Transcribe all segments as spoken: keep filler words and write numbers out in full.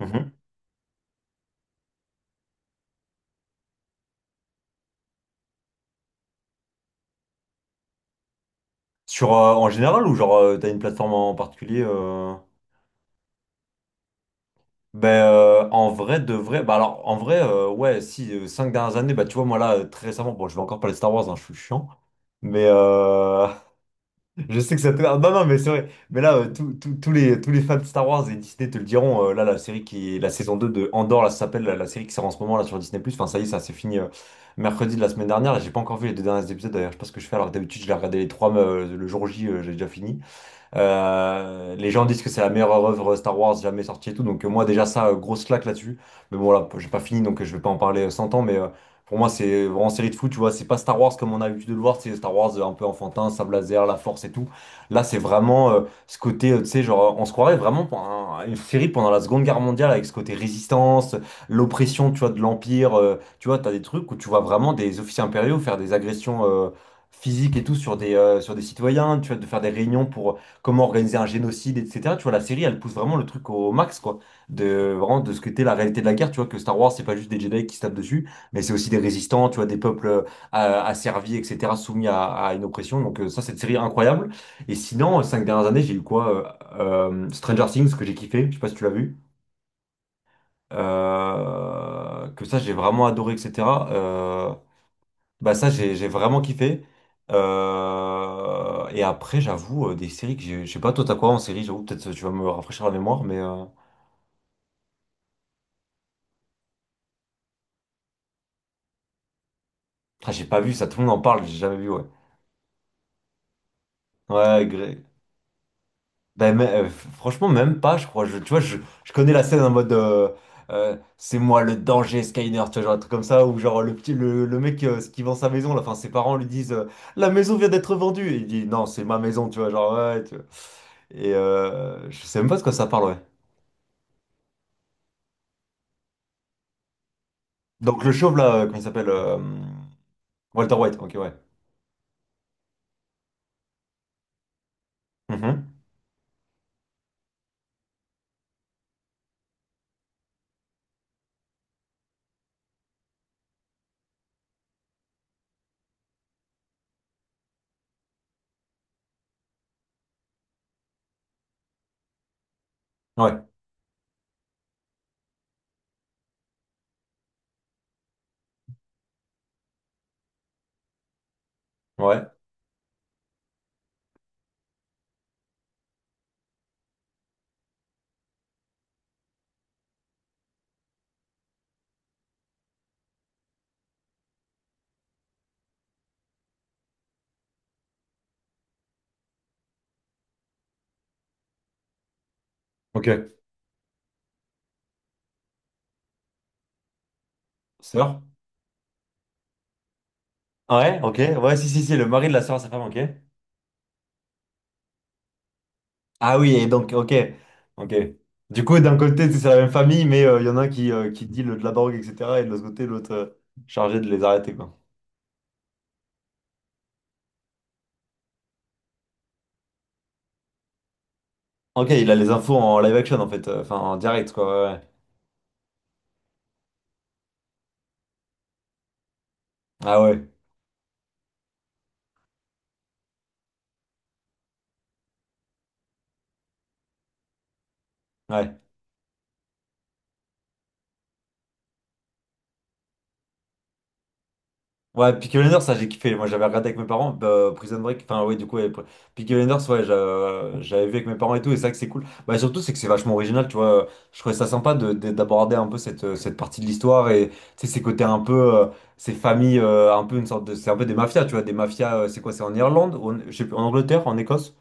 Mhm. Sur, euh, en général ou genre euh, t'as une plateforme en particulier euh... Ben euh, en vrai de vrai bah alors en vrai euh, ouais si euh, cinq dernières années bah tu vois moi là euh, très récemment bon je vais encore parler de Star Wars hein, je suis chiant mais euh, je sais que ça te ah, non non mais c'est vrai mais là euh, tous tous- tous les tous les fans de Star Wars et Disney te le diront euh, là la série qui est la saison deux de Andor là ça s'appelle la, la série qui sort en ce moment là sur Disney+. Enfin ça y est ça c'est fini euh, mercredi de la semaine dernière là j'ai pas encore vu les deux derniers épisodes d'ailleurs je sais pas ce que je fais alors que d'habitude je les regardais les trois euh, le jour J euh, j'ai déjà fini. Euh, les gens disent que c'est la meilleure œuvre Star Wars jamais sortie et tout. Donc euh, moi déjà ça, euh, grosse claque là-dessus. Mais bon là, j'ai pas fini donc euh, je vais pas en parler euh, cent ans. Mais euh, pour moi c'est vraiment série de fou, tu vois. C'est pas Star Wars comme on a l'habitude de le voir. C'est Star Wars euh, un peu enfantin, sabre laser, la force et tout. Là c'est vraiment euh, ce côté, euh, tu sais, genre on se croirait vraiment pour un- une série pendant la Seconde Guerre mondiale avec ce côté résistance, l'oppression, tu vois, de l'Empire. Euh, tu vois, t'as des trucs où tu vois vraiment des officiers impériaux faire des agressions, euh, physiques et tout sur des, euh, sur des citoyens, tu vois, de faire des réunions pour comment organiser un génocide, et cetera. Tu vois, la série, elle pousse vraiment le truc au max, quoi. De, vraiment, de ce que t'es la réalité de la guerre. Tu vois, que Star Wars, c'est pas juste des Jedi qui se tapent dessus, mais c'est aussi des résistants, tu vois, des peuples euh, asservis, et cetera, soumis à, à une oppression. Donc, euh, ça, cette série incroyable. Et sinon, euh, cinq dernières années, j'ai eu quoi? euh, euh, Stranger Things, que j'ai kiffé. Je sais pas si tu l'as vu. Euh, que ça, j'ai vraiment adoré, et cetera. Euh, Bah ça, j'ai j'ai vraiment kiffé. Euh, Et après, j'avoue, euh, des séries que j'ai... Je sais pas, toi, t'as quoi en série? J'avoue, peut-être euh, tu vas me rafraîchir la mémoire, mais... euh, Ah, j'ai pas vu ça, tout le monde en parle, j'ai jamais vu, ouais. Ouais, Grey. Ben, mais, euh, f- franchement, même pas, je crois. Je, tu vois, je, je connais la scène en mode... euh, euh, c'est moi le danger, Skyner, tu vois, genre un truc comme ça, où genre le petit, le, le mec euh, qui vend sa maison, là, enfin, ses parents lui disent euh, «La maison vient d'être vendue!» Et il dit «Non, c'est ma maison», tu vois, genre, ouais, tu vois. Et euh, je sais même pas de quoi ça parle, ouais. Donc le chauve là, euh, comment il s'appelle euh, Walter White, ok, ouais. Mhm. Ouais, ouais, ok. Sœur? Ouais, ok, ouais, si, si, si, le mari de la sœur à sa femme, ok. Ah oui, et donc, ok, ok. Du coup, d'un côté, c'est la même famille, mais euh, il y en a un qui, euh, qui dit le, de la drogue, et cetera. Et de l'autre côté, l'autre euh, chargé de les arrêter, quoi. Ok, il a les infos en live action, en fait, euh, enfin, en direct, quoi, ouais, ouais. Ah ouais, ouais. Ouais, Peaky Blinders, ça j'ai kiffé. Moi j'avais regardé avec mes parents, bah, Prison Break, enfin ouais, du coup, ouais, Pri- Peaky Blinders, ouais, j'a- j'avais vu avec mes parents et tout, et c'est vrai que c'est cool. Bah surtout, c'est que c'est vachement original, tu vois. Je trouvais ça sympa de, de- d'aborder un peu cette, euh, cette partie de l'histoire et tu sais, ces côtés un peu, euh, ces familles, euh, un peu une sorte de. C'est un peu des mafias, tu vois, des mafias, euh, c'est quoi, c'est en Irlande, ou en- je sais plus, en Angleterre, en Écosse?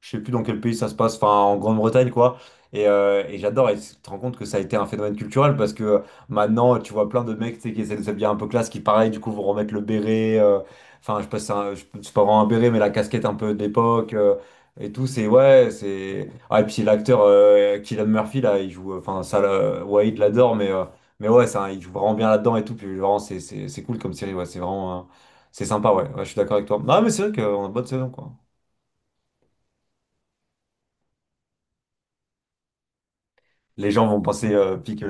Je sais plus dans quel pays ça se passe, enfin en Grande-Bretagne quoi. Et, euh, et j'adore, et tu te rends compte que ça a été un phénomène culturel parce que euh, maintenant tu vois plein de mecs tu sais, qui essaient de s'habiller un peu classe, qui pareil du coup vont remettre le béret, euh, enfin je sais pas si c'est un- je- c'est pas vraiment un béret mais la casquette un peu d'époque euh, et tout, c'est ouais, c'est. Ah, et puis l'acteur euh, Cillian Murphy là, il joue, euh, enfin ça, là, Wade l'adore, mais, euh, mais ouais, ça, il joue vraiment bien là-dedans et tout, puis vraiment c'est c'est- c'est cool comme série, ouais, c'est vraiment. Euh, c'est sympa, ouais. Ouais, je suis d'accord avec toi. Non, mais c'est vrai qu'on a une bonne saison quoi. Les gens vont penser euh, pique.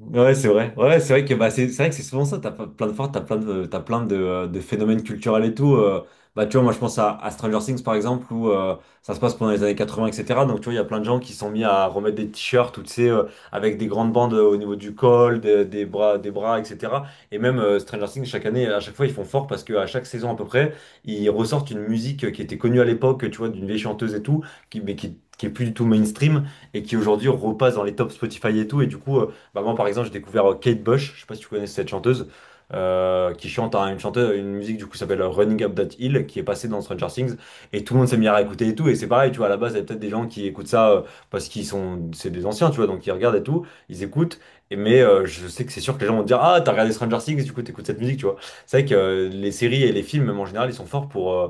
Ouais, c'est vrai. Ouais, c'est vrai que bah, c'est c'est vrai que c'est souvent ça. T'as pas- Plein de fois, t'as plein de, t'as plein de, euh, de phénomènes culturels et tout. Euh, bah, tu vois, moi, je pense à, à Stranger Things, par exemple, où euh, ça se passe pendant les années quatre-vingts, et cetera. Donc, tu vois, il y a plein de gens qui sont mis à remettre des t-shirts, ou, tu sais, euh, avec des grandes bandes euh, au niveau du col, des, des bras, des bras, et cetera. Et même euh, Stranger Things, chaque année, à chaque fois, ils font fort parce qu'à chaque saison, à peu près, ils ressortent une musique euh, qui était connue à l'époque, tu vois, d'une vieille chanteuse et tout, qui, mais qui, qui est plus du tout mainstream et qui aujourd'hui repasse dans les tops Spotify et tout. Et du coup, bah, moi, par exemple, j'ai découvert euh, Kate Bush, je sais pas si tu connais cette chanteuse, euh, qui chante hein, une chanteuse, une musique du coup s'appelle euh, Running Up That Hill, qui est passée dans Stranger Things, et tout le monde s'est mis à écouter et tout. Et c'est pareil, tu vois, à la base, il y a peut-être des gens qui écoutent ça euh, parce qu'ils sont, c'est des anciens, tu vois, donc ils regardent et tout, ils écoutent. Et mais euh, je sais que c'est sûr que les gens vont te dire, ah, t'as regardé Stranger Things, du coup, t'écoutes cette musique, tu vois. C'est vrai que euh, les séries et les films, même en général, ils sont forts pour. euh,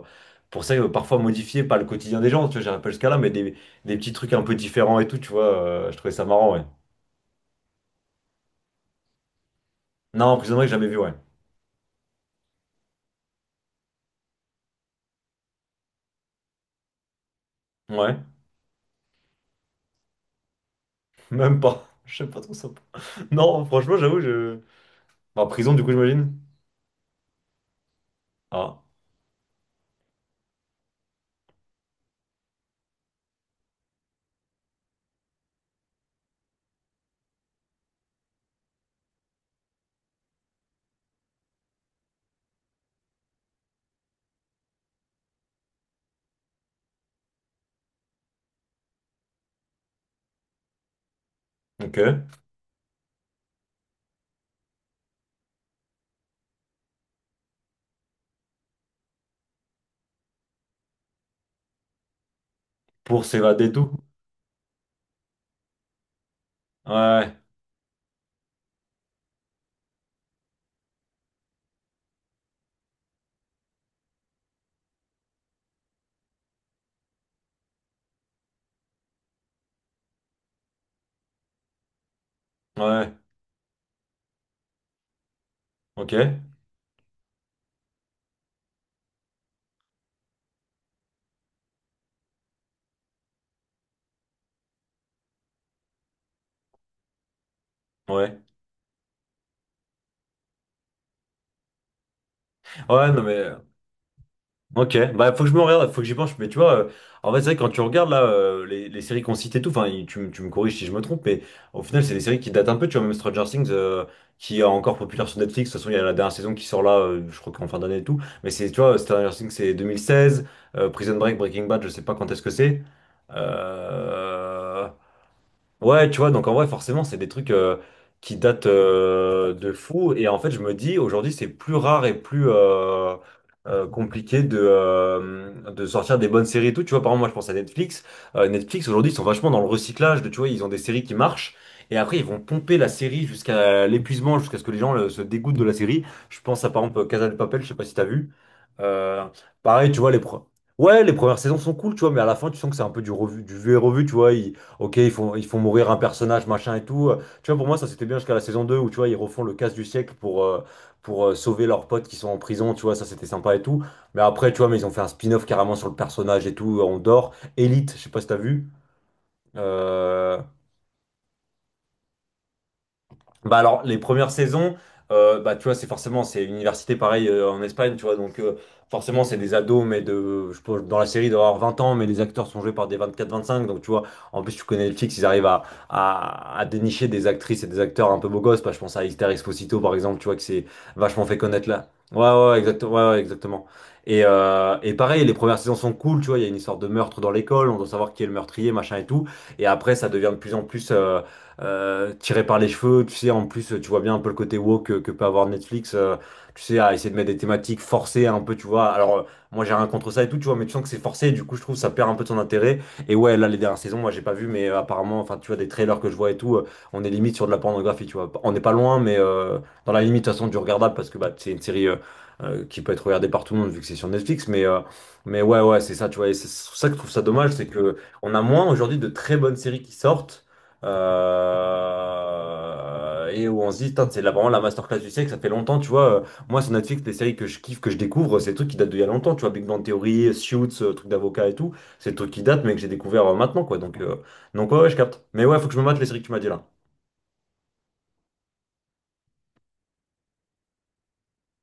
Pour ça, euh, parfois modifier pas le quotidien des gens, tu vois, j'arrive pas jusqu'à là, mais des, des petits trucs un peu différents et tout, tu vois, euh, je trouvais ça marrant, ouais. Non, Prison Break, j'ai jamais vu, ouais. Ouais, même pas. Je sais pas trop ça. Non, franchement, j'avoue, je. Bah, prison, du coup, j'imagine. Ah. Ok. Pour s'évader et tout. Ouais, ouais, ok. Ouais. Ouais, non mais. euh, Ok, bah faut que je me regarde, faut que j'y pense. Mais tu vois, euh, en fait c'est vrai que quand tu regardes là euh, les, les séries qu'on cite et tout, enfin il- tu, me- tu me corriges si je me trompe, mais au final c'est des séries qui datent un peu, tu vois, même Stranger Things euh, qui est encore populaire sur Netflix, de toute façon il y a la dernière saison qui sort là, euh, je crois qu'en fin d'année et tout, mais c'est, tu vois, Stranger Things c'est deux mille seize, euh, Prison Break, Breaking Bad, je sais pas quand est-ce que c'est. Euh, Ouais, tu vois, donc en vrai, forcément, c'est des trucs euh, qui datent euh, de fou. Et en fait, je me dis, aujourd'hui, c'est plus rare et plus euh, euh, compliqué de, euh, de sortir des bonnes séries et tout. Tu vois, par exemple, moi, je pense à Netflix. Euh, Netflix, aujourd'hui, ils sont vachement dans le recyclage. De, tu vois, ils ont des séries qui marchent. Et après, ils vont pomper la série jusqu'à l'épuisement, jusqu'à ce que les gens euh, se dégoûtent de la série. Je pense à, par exemple, Casa de Papel, je sais pas si t'as vu. Euh, Pareil, tu vois, les pro- ouais, les premières saisons sont cool, tu vois, mais à la fin, tu sens que c'est un peu du revu, du vu et revu, tu vois. Ok, ils font, ils font mourir un personnage, machin et tout. Euh, Tu vois, pour moi, ça c'était bien jusqu'à la saison deux où, tu vois, ils refont le casse du siècle pour, euh, pour euh, sauver leurs potes qui sont en prison, tu vois, ça c'était sympa et tout. Mais après, tu vois, mais ils ont fait un spin-off carrément sur le personnage et tout, euh, on dort. Elite, je sais pas si t'as vu. Euh, Bah alors, les premières saisons, euh, bah, tu vois, c'est forcément, c'est université pareil euh, en Espagne, tu vois, donc euh, forcément, c'est des ados, mais de, je pense, dans la série, d'avoir vingt ans, mais les acteurs sont joués par des vingt quatre vingt cinq donc tu vois, en plus, tu connais Netflix, ils arrivent à, à, à dénicher des actrices et des acteurs un peu beaux gosses, bah, je pense à Esther Exposito, par exemple, tu vois, que c'est vachement fait connaître là. Ouais, ouais, exactement, ouais, ouais, exactement. Et, euh, et pareil, les premières saisons sont cool, tu vois, il y a une histoire de meurtre dans l'école, on doit savoir qui est le meurtrier, machin et tout, et après, ça devient de plus en plus. Euh, euh, tiré par les cheveux. Tu sais, en plus, tu vois bien un peu le côté woke que, que peut avoir Netflix. Euh, tu sais, à essayer de mettre des thématiques forcées un peu, tu vois. Alors, euh, moi, j'ai rien contre ça et tout, tu vois, mais tu sens que c'est forcé. Et du coup, je trouve que ça perd un peu de son intérêt. Et ouais, là, les dernières saisons, moi, j'ai pas vu, mais euh, apparemment, enfin, tu vois, des trailers que je vois et tout, euh, on est limite sur de la pornographie, tu vois. On n'est pas loin, mais euh, dans la limite, de toute façon, du regardable parce que bah, c'est une série. Euh, euh, qui peut être regardée par tout le monde vu que c'est sur Netflix mais euh, mais ouais ouais c'est ça tu vois et c'est ça que je trouve ça dommage c'est que on a moins aujourd'hui de très bonnes séries qui sortent euh, et où on se dit, Putain, c'est là vraiment la masterclass du siècle, ça fait longtemps, tu vois. Euh, moi, sur Netflix, les séries que je kiffe, que je découvre, c'est des trucs qui datent d'il y a longtemps, tu vois. Big Bang Theory, Suits, euh, trucs d'avocat et tout, c'est des trucs qui datent, mais que j'ai découvert euh, maintenant, quoi. Donc, euh, donc ouais, ouais, je capte. Mais ouais, faut que je me mate les séries que tu m'as dit là.